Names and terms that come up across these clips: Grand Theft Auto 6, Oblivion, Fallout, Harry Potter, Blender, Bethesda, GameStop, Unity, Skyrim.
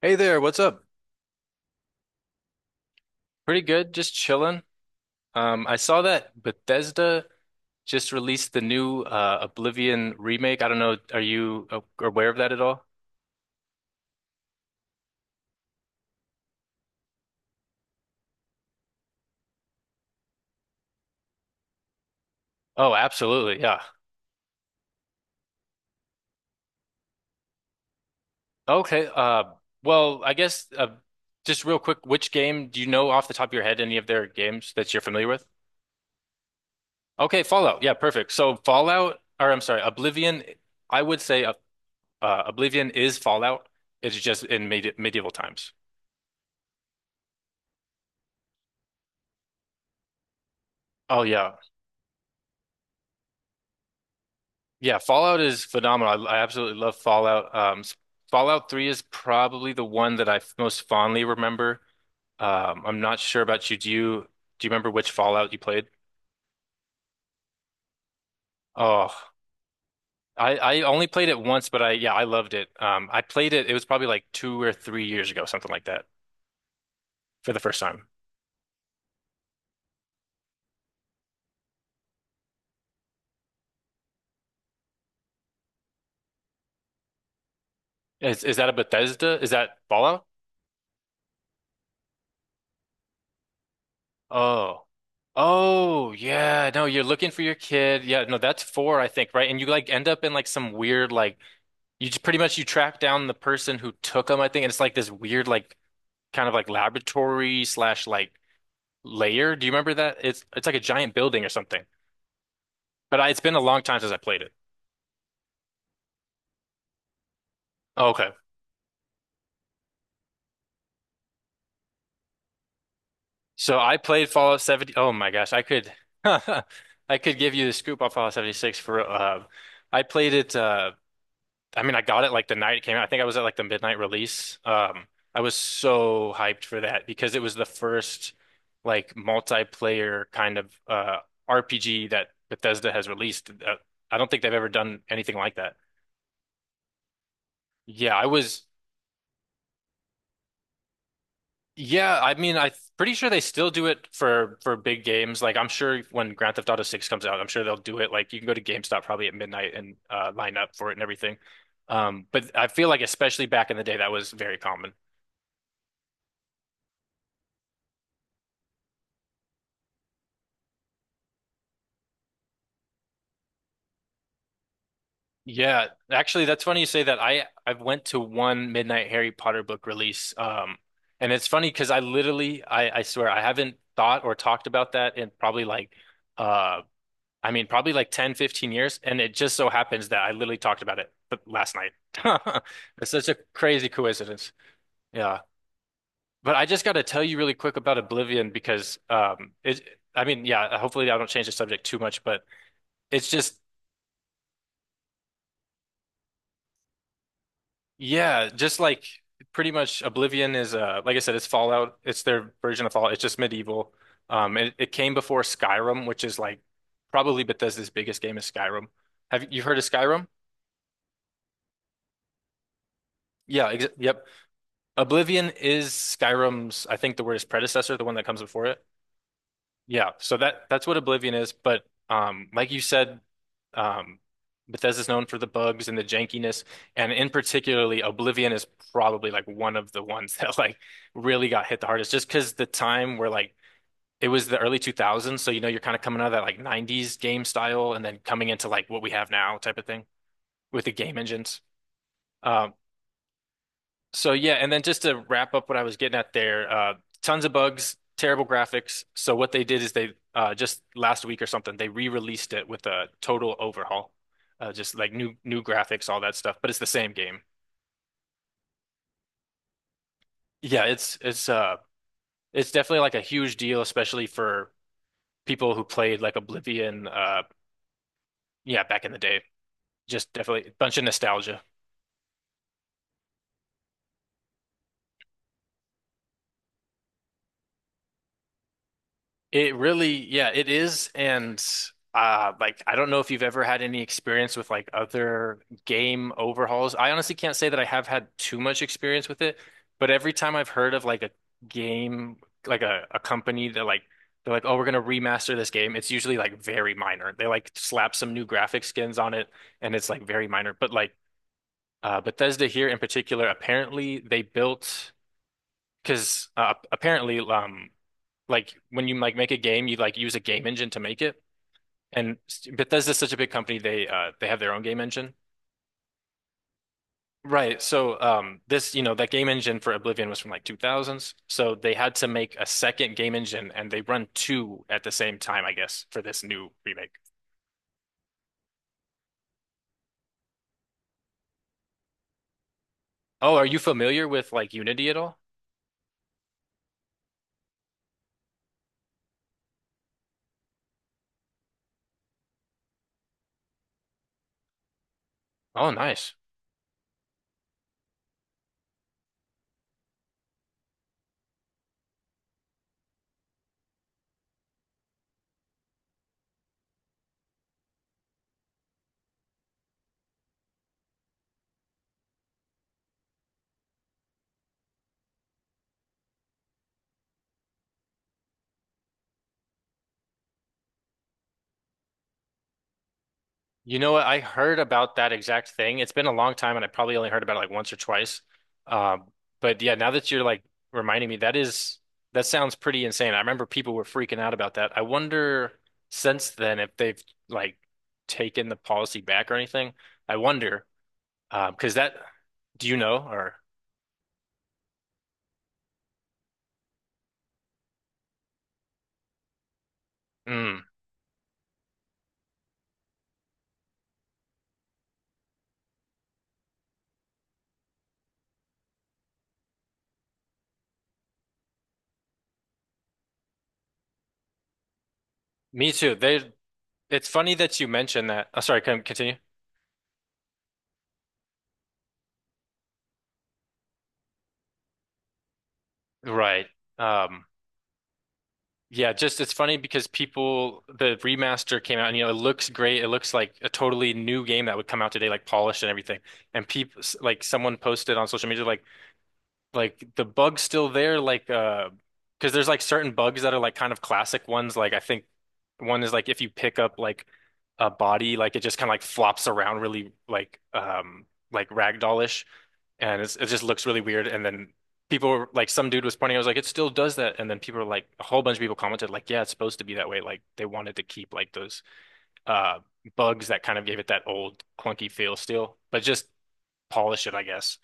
Hey there, what's up? Pretty good, just chilling. I saw that Bethesda just released the new Oblivion remake. I don't know, are you aware of that at all? Oh, absolutely, yeah. Okay, well, I guess just real quick, which game do you know off the top of your head any of their games that you're familiar with? Okay, Fallout, yeah, perfect. So Fallout, or I'm sorry, Oblivion, I would say Oblivion is Fallout. It's just in medieval times. Oh yeah. Yeah, Fallout is phenomenal. I absolutely love Fallout. Fallout 3 is probably the one that I most fondly remember. I'm not sure about you. Do you remember which Fallout you played? Oh, I only played it once, but I yeah, I loved it. I played it. It was probably like 2 or 3 years ago, something like that, for the first time. Is that a Bethesda? Is that Fallout? Oh. Oh, yeah. No, you're looking for your kid. Yeah, no, that's four, I think, right? And you like end up in like some weird like you just pretty much you track down the person who took them, I think, and it's like this weird like kind of like laboratory slash like layer. Do you remember that? It's like a giant building or something. But I, it's been a long time since I played it. Okay. So I played Fallout 70. Oh my gosh, I could I could give you the scoop on Fallout 76 for I played it I mean, I got it like the night it came out. I think I was at like the midnight release. I was so hyped for that because it was the first like multiplayer kind of RPG that Bethesda has released. I don't think they've ever done anything like that. Yeah, I was. Yeah, I mean, I'm pretty sure they still do it for big games. Like, I'm sure when Grand Theft Auto 6 comes out, I'm sure they'll do it. Like, you can go to GameStop probably at midnight and line up for it and everything. But I feel like especially back in the day, that was very common. Yeah, actually, that's funny you say that. I went to one Midnight Harry Potter book release, and it's funny because I literally, I swear, I haven't thought or talked about that in probably like, uh, I mean, probably like 10, 15 years, and it just so happens that I literally talked about it last night. It's such a crazy coincidence. Yeah, but I just got to tell you really quick about Oblivion because, it, I mean, yeah, hopefully I don't change the subject too much, but it's just. Yeah, just like pretty much Oblivion is like I said, it's Fallout. It's their version of Fallout. It's just medieval. It, it came before Skyrim, which is like probably Bethesda's biggest game is Skyrim. Have you heard of Skyrim? Yeah, ex yep. Oblivion is Skyrim's, I think the word is predecessor, the one that comes before it. Yeah, so that's what Oblivion is, but like you said, um, Bethesda's known for the bugs and the jankiness, and in particularly, Oblivion is probably like one of the ones that like really got hit the hardest, just because the time where like it was the early 2000s, so you know you're kind of coming out of that like 90s game style, and then coming into like what we have now type of thing with the game engines. Um, so yeah, and then just to wrap up what I was getting at there, tons of bugs, terrible graphics. So what they did is they just last week or something they re-released it with a total overhaul, just like new graphics, all that stuff. But it's the same game. Yeah, it's it's definitely like a huge deal, especially for people who played like Oblivion. Yeah, back in the day, just definitely a bunch of nostalgia. It really, yeah, it is. And like I don't know if you've ever had any experience with like other game overhauls. I honestly can't say that I have had too much experience with it, but every time I've heard of like a game, like a company that like they're like, oh, we're gonna remaster this game, it's usually like very minor. They like slap some new graphic skins on it and it's like very minor. But like Bethesda here in particular, apparently they built because apparently like when you like make a game, you like use a game engine to make it. And Bethesda's such a big company, they have their own game engine. Right. So this, you know, that game engine for Oblivion was from like 2000s. So they had to make a second game engine and they run two at the same time, I guess, for this new remake. Oh, are you familiar with like Unity at all? Oh, nice. You know what? I heard about that exact thing. It's been a long time, and I probably only heard about it like once or twice. Um, but yeah, now that you're like reminding me, that is that sounds pretty insane. I remember people were freaking out about that. I wonder since then if they've like taken the policy back or anything. I wonder because that do you know or mm, me too. They it's funny that you mentioned that. Oh, sorry, can continue. Right. Um, yeah, just it's funny because people the remaster came out and you know it looks great. It looks like a totally new game that would come out today, like polished and everything. And people like someone posted on social media like the bug's still there like because there's like certain bugs that are like kind of classic ones like I think one is like if you pick up like a body like it just kind of like flops around really like ragdollish and it's, it just looks really weird and then people were, like some dude was pointing I was like it still does that and then people were like a whole bunch of people commented like yeah it's supposed to be that way like they wanted to keep like those uh bugs that kind of gave it that old clunky feel still but just polish it I guess.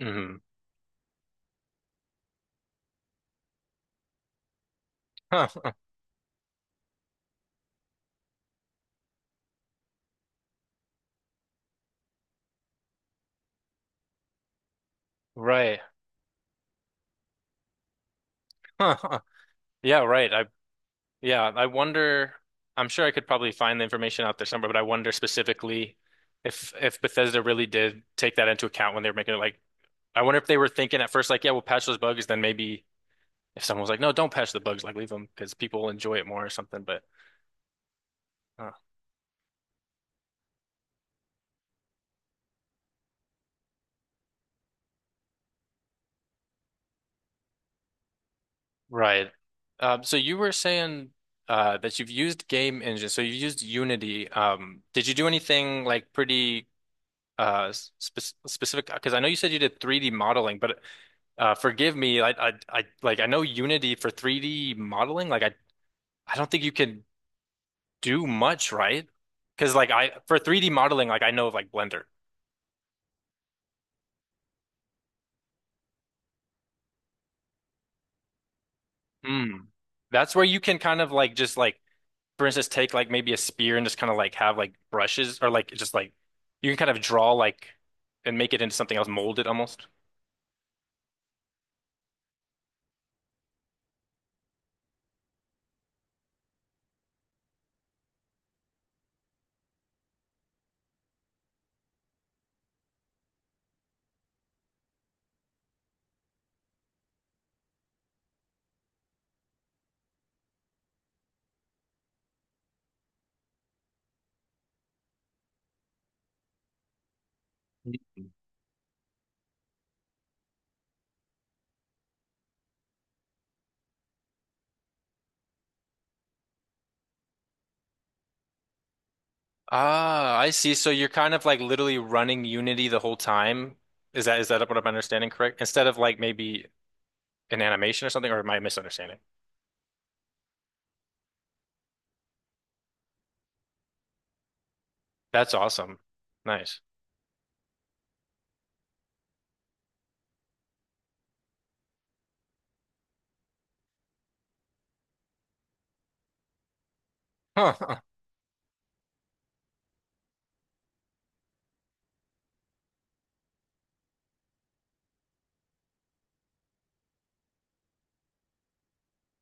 Hmm. Right. Huh. Yeah, right. I yeah, I wonder I'm sure I could probably find the information out there somewhere, but I wonder specifically if Bethesda really did take that into account when they were making it like I wonder if they were thinking at first like, yeah, we'll patch those bugs, then maybe if someone was like, no, don't patch the bugs, like leave them because people will enjoy it more or something, but uh, right. So you were saying that you've used game engine, so you've used Unity. Did you do anything like pretty uh spe specific because I know you said you did 3D modeling, but forgive me. Like I know Unity for 3D modeling. Like I don't think you can do much, right? Because like I for 3D modeling, like I know of like Blender. Mm. That's where you can kind of like just like, for instance, take like maybe a spear and just kind of like have like brushes or like just like you can kind of draw like and make it into something else, mold it almost. Ah, I see. So you're kind of like literally running Unity the whole time. Is that what I'm understanding correct? Instead of like maybe an animation or something, or am I misunderstanding? That's awesome. Nice. Huh.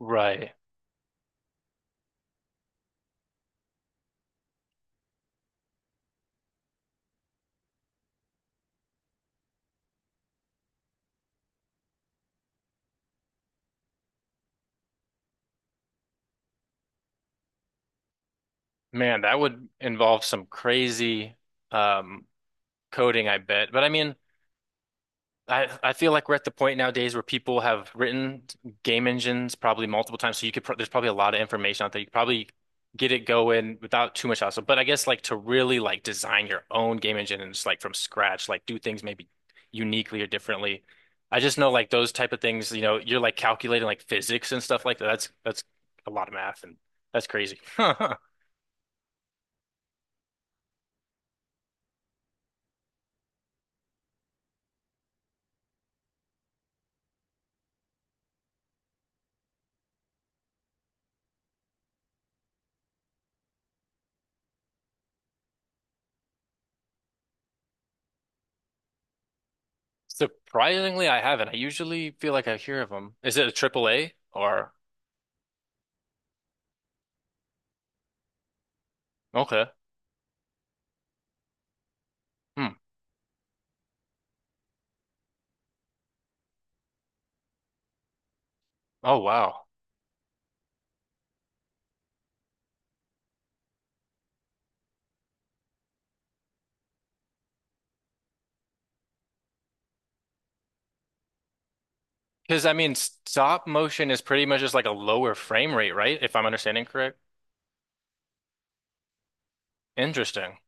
Right. Man, that would involve some crazy um coding, I bet. But I mean, I feel like we're at the point nowadays where people have written game engines probably multiple times, so you could pro there's probably a lot of information out there. You could probably get it going without too much hassle. But I guess like to really like design your own game engine and just like from scratch, like do things maybe uniquely or differently. I just know like those type of things, you know, you're like calculating like physics and stuff like that. That's a lot of math and that's crazy. Surprisingly, I haven't. I usually feel like I hear of them. Is it a triple A or okay? Hmm. Oh wow. Because I mean, stop motion is pretty much just like a lower frame rate, right? If I'm understanding correct. Interesting.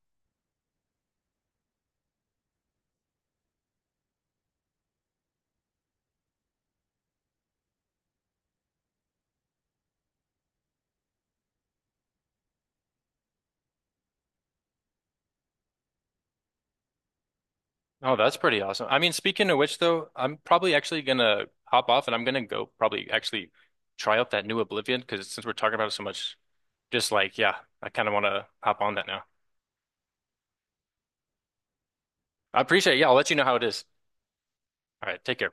Oh, that's pretty awesome. I mean, speaking of which, though, I'm probably actually gonna hop off and I'm gonna go probably actually try out that new Oblivion because since we're talking about it so much, just like, yeah, I kind of want to hop on that now. I appreciate it. Yeah, I'll let you know how it is. All right, take care.